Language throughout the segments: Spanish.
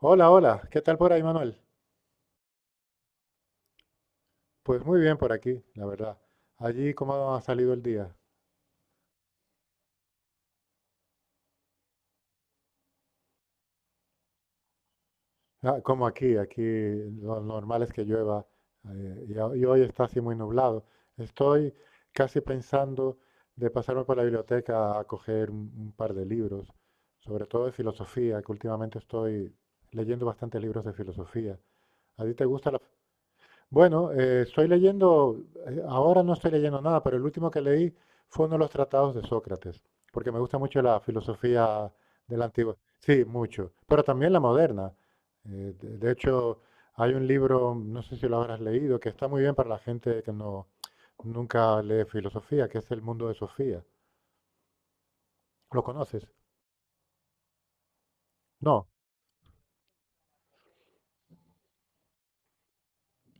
Hola, hola. ¿Qué tal por ahí, Manuel? Pues muy bien por aquí, la verdad. Allí, ¿cómo ha salido el día? Ah, como aquí, aquí lo normal es que llueva y, y hoy está así muy nublado. Estoy casi pensando de pasarme por la biblioteca a coger un par de libros, sobre todo de filosofía, que últimamente estoy leyendo bastantes libros de filosofía. ¿A ti te gusta la...? Bueno, estoy leyendo, ahora no estoy leyendo nada, pero el último que leí fue uno de los tratados de Sócrates, porque me gusta mucho la filosofía de la antigua. Sí, mucho, pero también la moderna. De hecho, hay un libro, no sé si lo habrás leído, que está muy bien para la gente que nunca lee filosofía, que es El mundo de Sofía. ¿Lo conoces? No,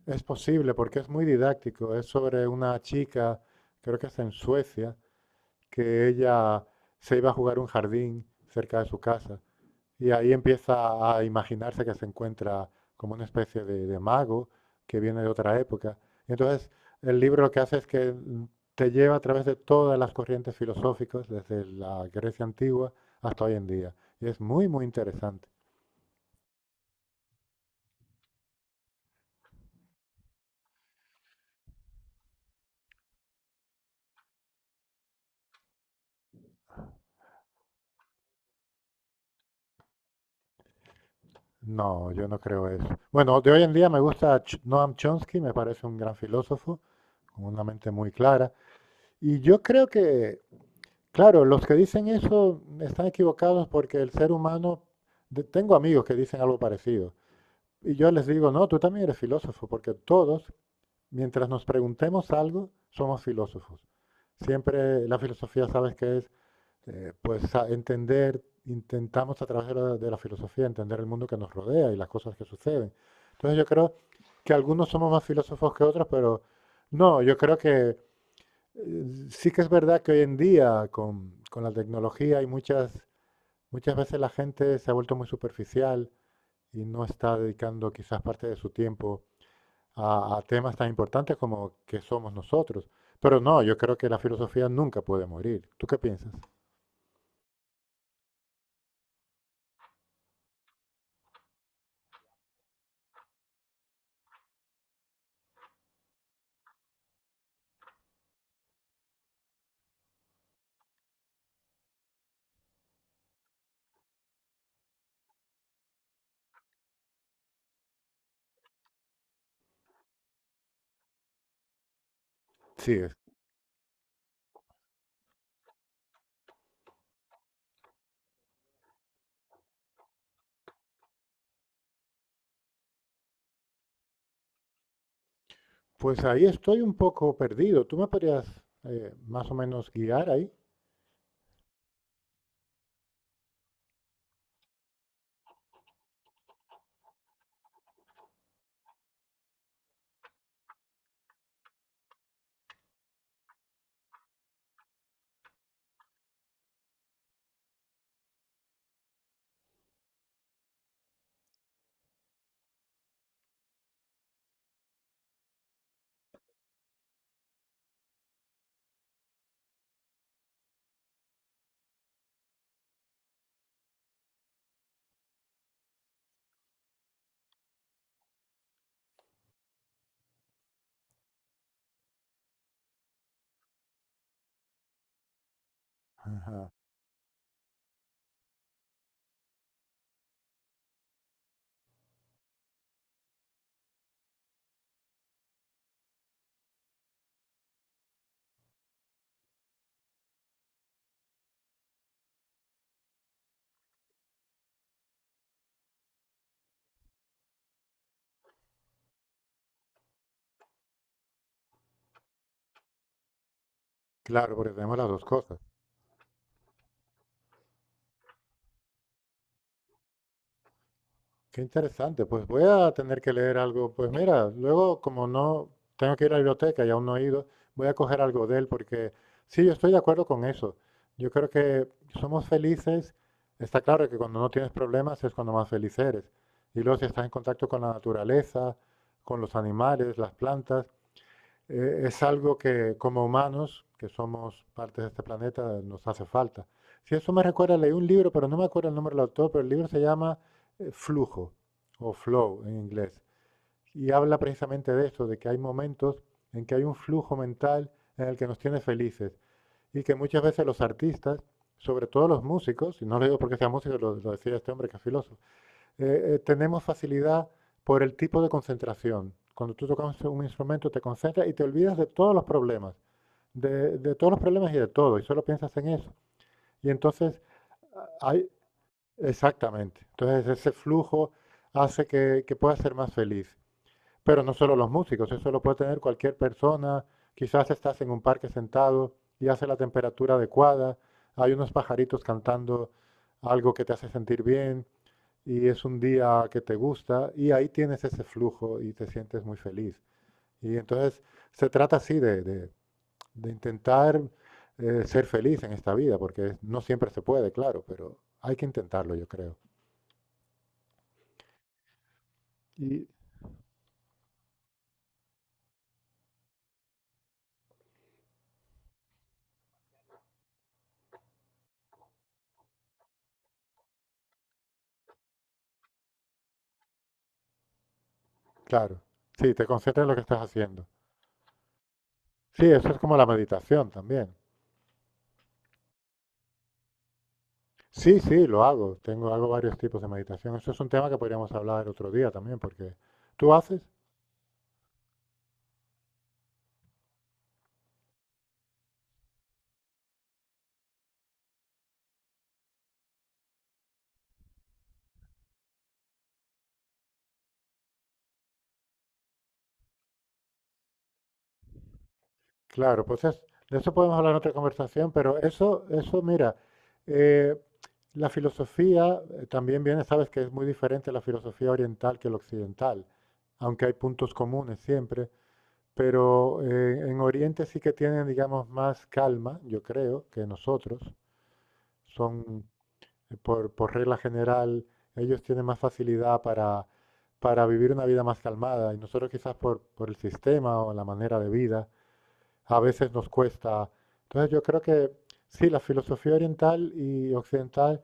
es posible porque es muy didáctico. Es sobre una chica, creo que es en Suecia, que ella se iba a jugar a un jardín cerca de su casa y ahí empieza a imaginarse que se encuentra como una especie de mago que viene de otra época. Y entonces el libro lo que hace es que te lleva a través de todas las corrientes filosóficas, desde la Grecia antigua hasta hoy en día. Y es muy, muy interesante. No, yo no creo eso. Bueno, de hoy en día me gusta Noam Chomsky, me parece un gran filósofo, con una mente muy clara. Y yo creo que claro, los que dicen eso están equivocados porque el ser humano, tengo amigos que dicen algo parecido. Y yo les digo, no, tú también eres filósofo, porque todos, mientras nos preguntemos algo, somos filósofos. Siempre la filosofía, sabes que es, pues entender, intentamos a través de de la filosofía entender el mundo que nos rodea y las cosas que suceden. Entonces yo creo que algunos somos más filósofos que otros, pero no, yo creo que eh, sí que es verdad que hoy en día con la tecnología hay muchas, muchas veces la gente se ha vuelto muy superficial y no está dedicando quizás parte de su tiempo a temas tan importantes como que somos nosotros. Pero no, yo creo que la filosofía nunca puede morir. ¿Tú qué piensas? Sí, es. Pues ahí estoy un poco perdido. ¿Tú me podrías más o menos guiar ahí? Ajá. Claro, porque tenemos las dos cosas. Qué interesante, pues voy a tener que leer algo. Pues mira, luego como no tengo que ir a la biblioteca y aún no he ido, voy a coger algo de él porque sí, yo estoy de acuerdo con eso. Yo creo que somos felices, está claro que cuando no tienes problemas es cuando más feliz eres. Y luego si estás en contacto con la naturaleza, con los animales, las plantas, es algo que como humanos, que somos parte de este planeta, nos hace falta. Si eso me recuerda, leí un libro, pero no me acuerdo el nombre del autor, pero el libro se llama Flujo o Flow en inglés. Y habla precisamente de esto, de que hay momentos en que hay un flujo mental en el que nos tiene felices y que muchas veces los artistas, sobre todo los músicos, y no lo digo porque sea músico, lo decía este hombre que es filósofo, tenemos facilidad por el tipo de concentración. Cuando tú tocas un instrumento te concentras y te olvidas de todos los problemas, de todos los problemas y de todo, y solo piensas en eso. Y entonces hay, exactamente, entonces ese flujo hace que puedas ser más feliz. Pero no solo los músicos, eso lo puede tener cualquier persona. Quizás estás en un parque sentado y hace la temperatura adecuada, hay unos pajaritos cantando algo que te hace sentir bien, y es un día que te gusta y ahí tienes ese flujo y te sientes muy feliz. Y entonces se trata así de, de intentar ser feliz en esta vida, porque no siempre se puede, claro, pero hay que intentarlo, yo creo. Y claro, sí, te concentras en lo que estás haciendo. Sí, eso es como la meditación también. Sí, sí, lo hago. Tengo, hago varios tipos de meditación. Eso es un tema que podríamos hablar otro día también, porque tú haces. Claro, pues de eso podemos hablar en otra conversación, pero eso, mira, eh, la filosofía también viene, sabes que es muy diferente la filosofía oriental que la occidental, aunque hay puntos comunes siempre, pero en Oriente sí que tienen, digamos, más calma, yo creo, que nosotros. Son, por regla general, ellos tienen más facilidad para vivir una vida más calmada y nosotros quizás por el sistema o la manera de vida a veces nos cuesta. Entonces yo creo que sí, la filosofía oriental y occidental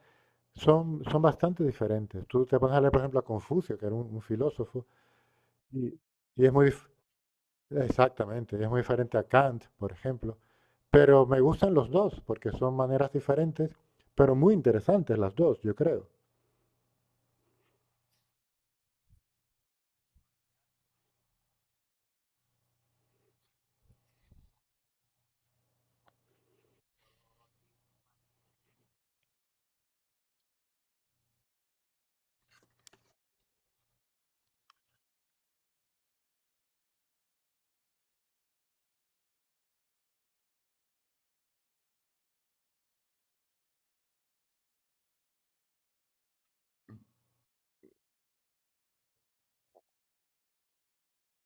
son, son bastante diferentes. Tú te pones a leer, por ejemplo, a Confucio, que era un filósofo, y, y es muy, exactamente, es muy diferente a Kant, por ejemplo. Pero me gustan los dos, porque son maneras diferentes, pero muy interesantes las dos, yo creo.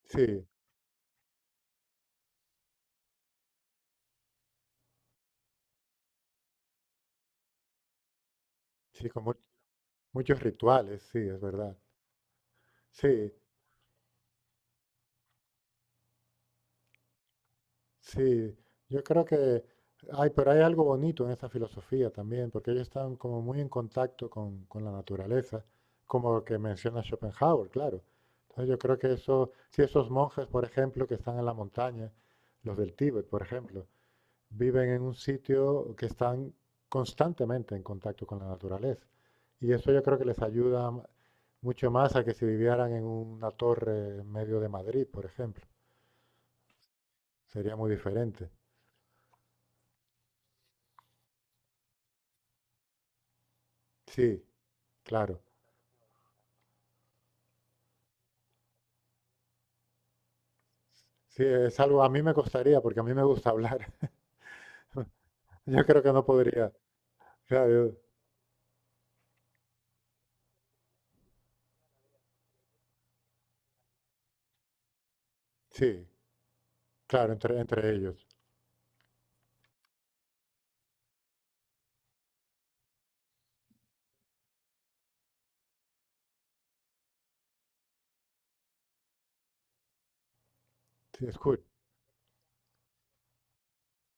Sí, sí, con muchos rituales, sí, es verdad. Sí, sí, yo creo que hay, pero hay algo bonito en esa filosofía también, porque ellos están como muy en contacto con la naturaleza, como lo que menciona Schopenhauer, claro. Entonces yo creo que eso, si esos monjes, por ejemplo, que están en la montaña, los del Tíbet, por ejemplo, viven en un sitio que están constantemente en contacto con la naturaleza. Y eso yo creo que les ayuda mucho más a que si vivieran en una torre en medio de Madrid, por ejemplo. Sería muy diferente. Sí, claro, sí, es algo a mí me costaría porque a mí me gusta hablar. Yo creo que no podría. O sea, yo- sí, claro, entre, entre ellos. Sí, es curioso,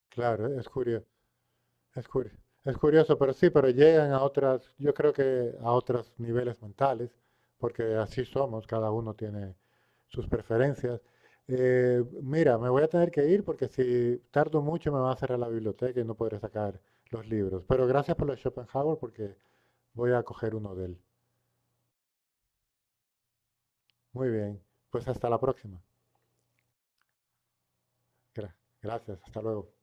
claro, es curioso, es curioso, es curioso, pero sí, pero llegan a otras, yo creo que a otros niveles mentales, porque así somos, cada uno tiene sus preferencias. Mira, me voy a tener que ir porque si tardo mucho me va a cerrar la biblioteca y no podré sacar los libros. Pero gracias por lo de Schopenhauer porque voy a coger uno de él. Muy bien, pues hasta la próxima. Gra- Gracias, hasta luego.